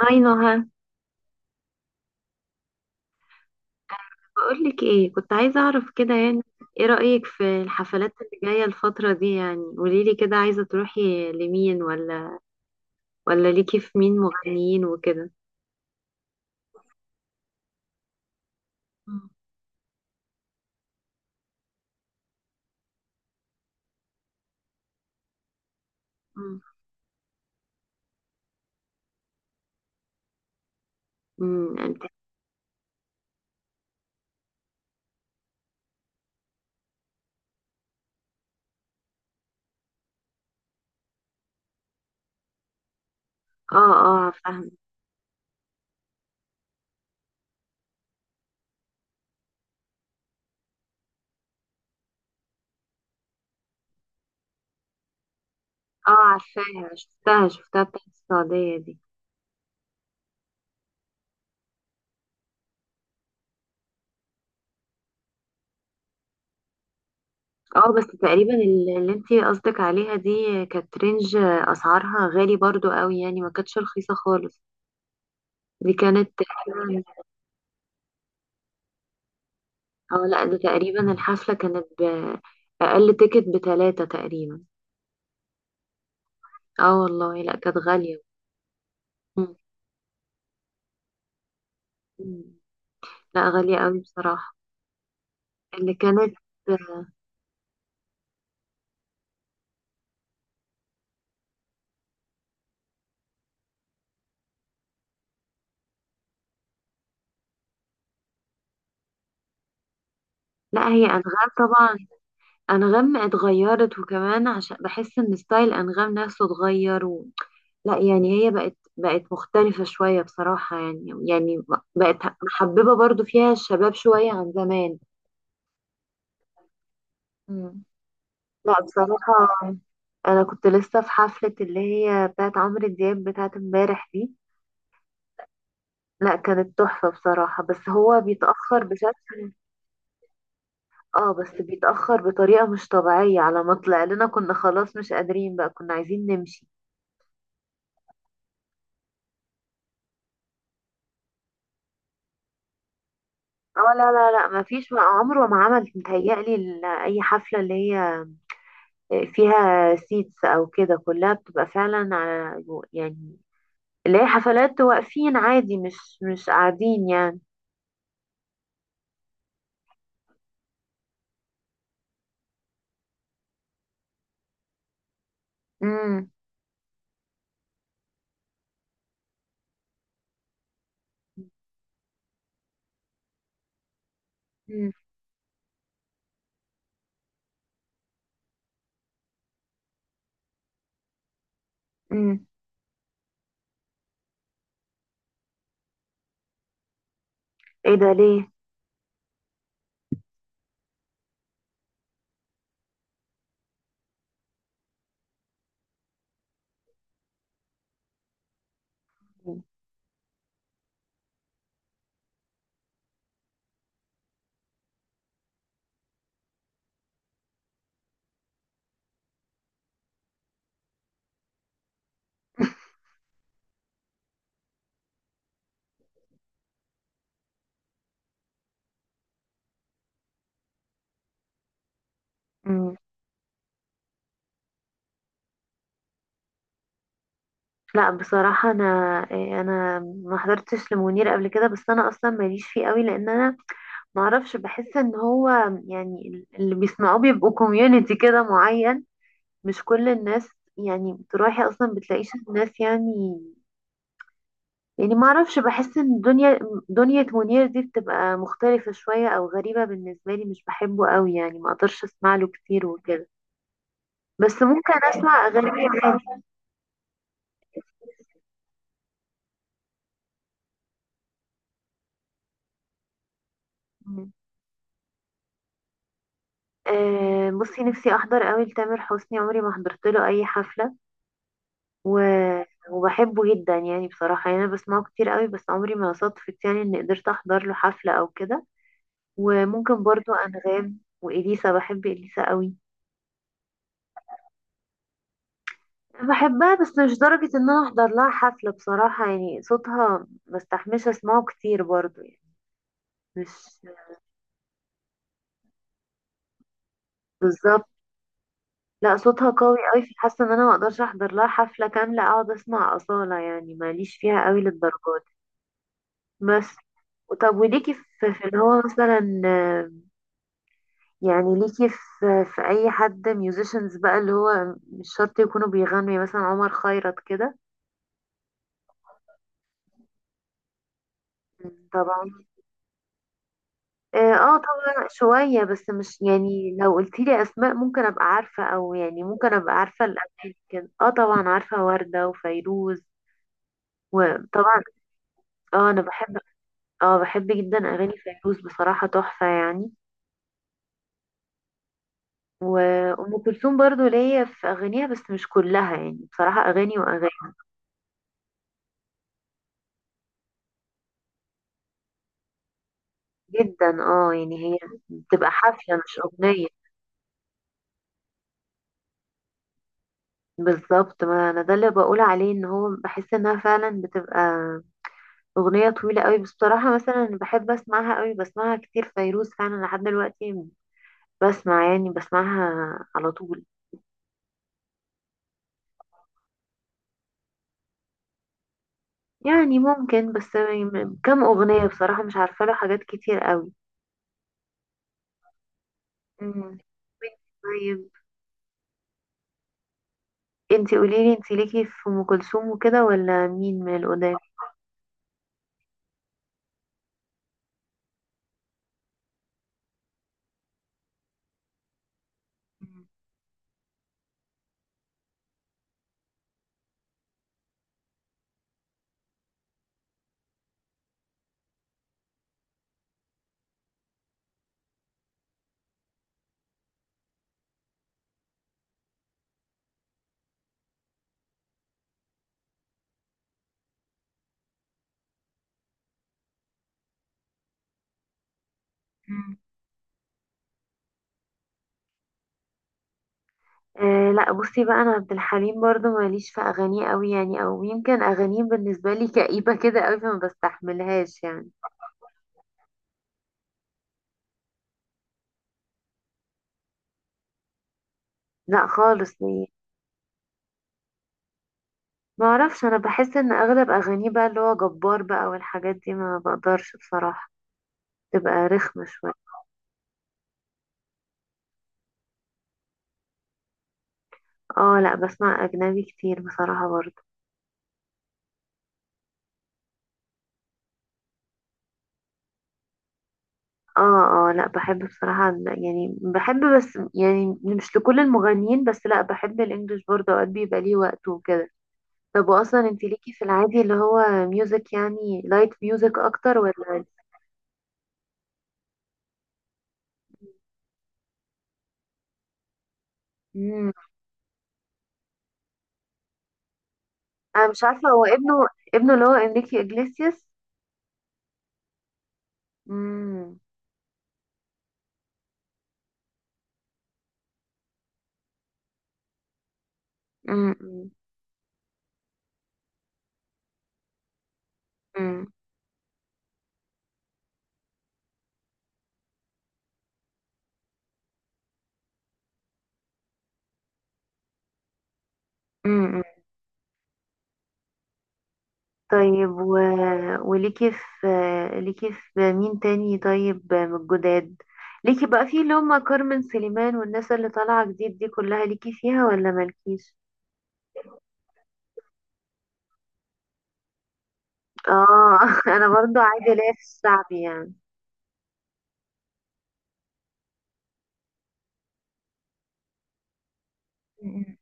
هاي نهى. بقولك ايه، كنت عايزة اعرف كده يعني. ايه رأيك في الحفلات اللي جاية الفترة دي؟ يعني قوليلي كده، عايزة تروحي لمين، ولا ليكي في مين مغنيين وكده؟ مم. مم. انت. اه اه فاهمة. اه عارفاها، شفتها بتاعت السعودية دي. اه بس تقريبا اللي انت قصدك عليها دي، كانت رينج اسعارها غالي برضو قوي يعني، ما كانتش رخيصة خالص. دي كانت اه لا، ده تقريبا الحفلة كانت بأقل تيكت بتلاتة تقريبا. اه والله، لا كانت غالية. مم. مم. لا غالية قوي بصراحة. اللي كانت لا هي أنغام. طبعا، أنغام اتغيرت، وكمان عشان بحس إن ستايل أنغام نفسه اتغير و. لا، يعني هي بقت مختلفة شوية بصراحة، يعني بقت محببة برضو فيها الشباب شوية عن زمان. مم. لا بصراحة، انا كنت لسه في حفلة اللي هي بتاعت عمرو دياب بتاعت امبارح دي. لا، كانت تحفة بصراحة، بس هو بيتأخر بشكل. اه بس بيتأخر بطريقة مش طبيعية، على ما طلع لنا كنا خلاص مش قادرين بقى، كنا عايزين نمشي. اه لا لا لا، ما فيش عمره ما عمل متهيألي اي حفلة اللي هي فيها سيتس او كده، كلها بتبقى فعلا على يعني اللي هي حفلات واقفين عادي، مش قاعدين يعني. امم. امم. ايه ده ليه؟ مم. لا بصراحة، أنا إيه، أنا ما حضرتش لمنير قبل كده، بس أنا أصلا ماليش فيه قوي لأن أنا ما أعرفش، بحس إن هو يعني اللي بيسمعوه بيبقوا كوميونيتي كده معين، مش كل الناس يعني. بتروحي أصلا بتلاقيش الناس يعني. يعني ما أعرفش، بحس إن دنيا منير دي بتبقى مختلفة شوية أو غريبة بالنسبة لي، مش بحبه قوي يعني، ما أقدرش أسمع له كتير وكده. بس ممكن أسمع أغاني عادي. بصي نفسي احضر قوي لتامر حسني، عمري ما حضرت له اي حفله، و... وبحبه جدا يعني بصراحه، يعني انا بسمعه كتير قوي، بس عمري ما صدفت يعني اني قدرت احضر له حفله او كده. وممكن برضو انغام واليسا، بحب اليسا قوي. بحبها بس مش درجه ان انا احضر لها حفله بصراحه يعني، صوتها ما استحملش اسمعه كتير برضو يعني، مش بالظبط. لا صوتها قوي قوي، فحاسه ان انا ما اقدرش احضر لها حفله كامله اقعد اسمع اصاله يعني، ماليش فيها قوي للدرجه. بس طب، وليكي في اللي هو مثلا، يعني ليكي في اي حد ميوزيشنز بقى اللي هو مش شرط يكونوا بيغنوا، يعني مثلا عمر خيرت كده. طبعا. اه طبعا شوية، بس مش يعني. لو قلتيلي اسماء ممكن ابقى عارفة، او يعني ممكن ابقى عارفة الاغاني كده. اه طبعا عارفة وردة وفيروز، وطبعا. اه انا بحب، اه بحب جدا اغاني فيروز بصراحة تحفة يعني. وأم كلثوم برضو ليا في أغانيها بس مش كلها يعني، بصراحة أغاني وأغاني. جدا اه، يعني هي بتبقى حفلة مش أغنية. بالظبط، ما أنا ده اللي بقول عليه، إن هو بحس إنها فعلا بتبقى أغنية طويلة قوي. بس بصراحة مثلا بحب أسمعها قوي، بسمعها كتير فيروز فعلا لحد دلوقتي، بسمع يعني بسمعها على طول. يعني ممكن، بس كم أغنية بصراحة مش عارفة له حاجات كتير قوي. مم. طيب انتي قوليلي، انتي ليكي في ام كلثوم وكده ولا مين من القدام؟ مم. آه لا بصي بقى، انا عبد الحليم برضو ماليش في اغانيه قوي يعني، او يمكن اغانيه بالنسبه لي كئيبه كده قوي فما بستحملهاش يعني. لا خالص ليه. ما اعرفش، انا بحس ان اغلب اغانيه بقى اللي هو جبار بقى والحاجات دي، ما بقدرش بصراحه تبقى رخمه شويه. اه لا، بسمع اجنبي كتير بصراحه برضو. اه اه، لا بحب بصراحة يعني بحب، بس يعني مش لكل المغنيين، بس لا بحب الانجليش برضه اوقات بيبقى ليه وقته وكده. طب واصلا انت ليكي في العادي اللي هو ميوزك، يعني لايت ميوزك اكتر ولا؟ امم، انا مش عارفة هو ابنه. ابنه اللي هو انريكي اجليسياس. امم. امم. امم. طيب وليكي في، ليكي في مين تاني طيب من الجداد؟ ليكي بقى في اللي هم كارمن سليمان والناس اللي طالعة جديد دي كلها، ليكي فيها ولا مالكيش؟ اه انا برضو عادي ليا في الشعبي يعني. م-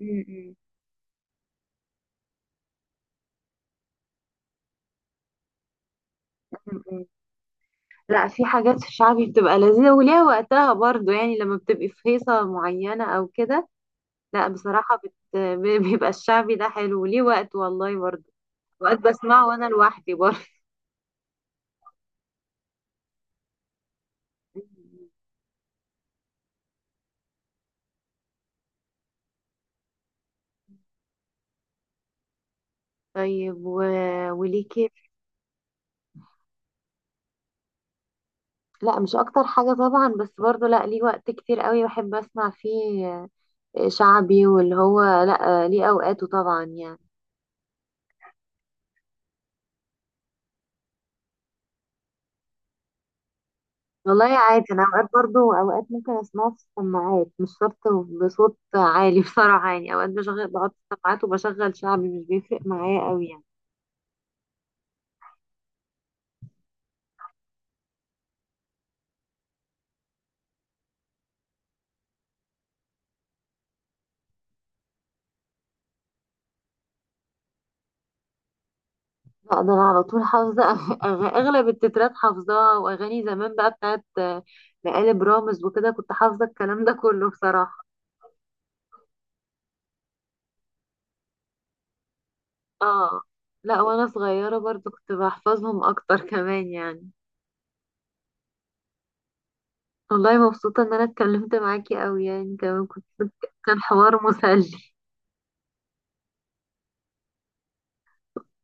م- م- م. لا في حاجات في الشعبي بتبقى لذيذة وليها وقتها برضو يعني، لما بتبقي في هيصة معينة او كده. لا بصراحة بيبقى الشعبي ده حلو وليه وقت والله برضو. وقت بسمعه وانا لوحدي برضو. طيب وليكي، لا مش اكتر حاجة طبعا، بس برضو لا ليه وقت كتير قوي بحب اسمع فيه. شعبي واللي هو، لا ليه اوقاته طبعا يعني. والله عادي، انا اوقات برضو اوقات ممكن اسمعه في السماعات مش شرط بصوت عالي بصراحة يعني. اوقات بشغل، بحط السماعات وبشغل شعبي مش بيفرق معايا قوي يعني. لا ده انا على طول حافظة اغلب التترات حافظاها، واغاني زمان بقى بتاعت مقالب رامز وكده، كنت حافظة الكلام ده كله بصراحة. اه لا، وانا صغيرة برضو كنت بحفظهم اكتر كمان يعني. والله مبسوطة ان انا اتكلمت معاكي اوي يعني، كمان كان حوار مسلي.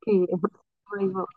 باي باي.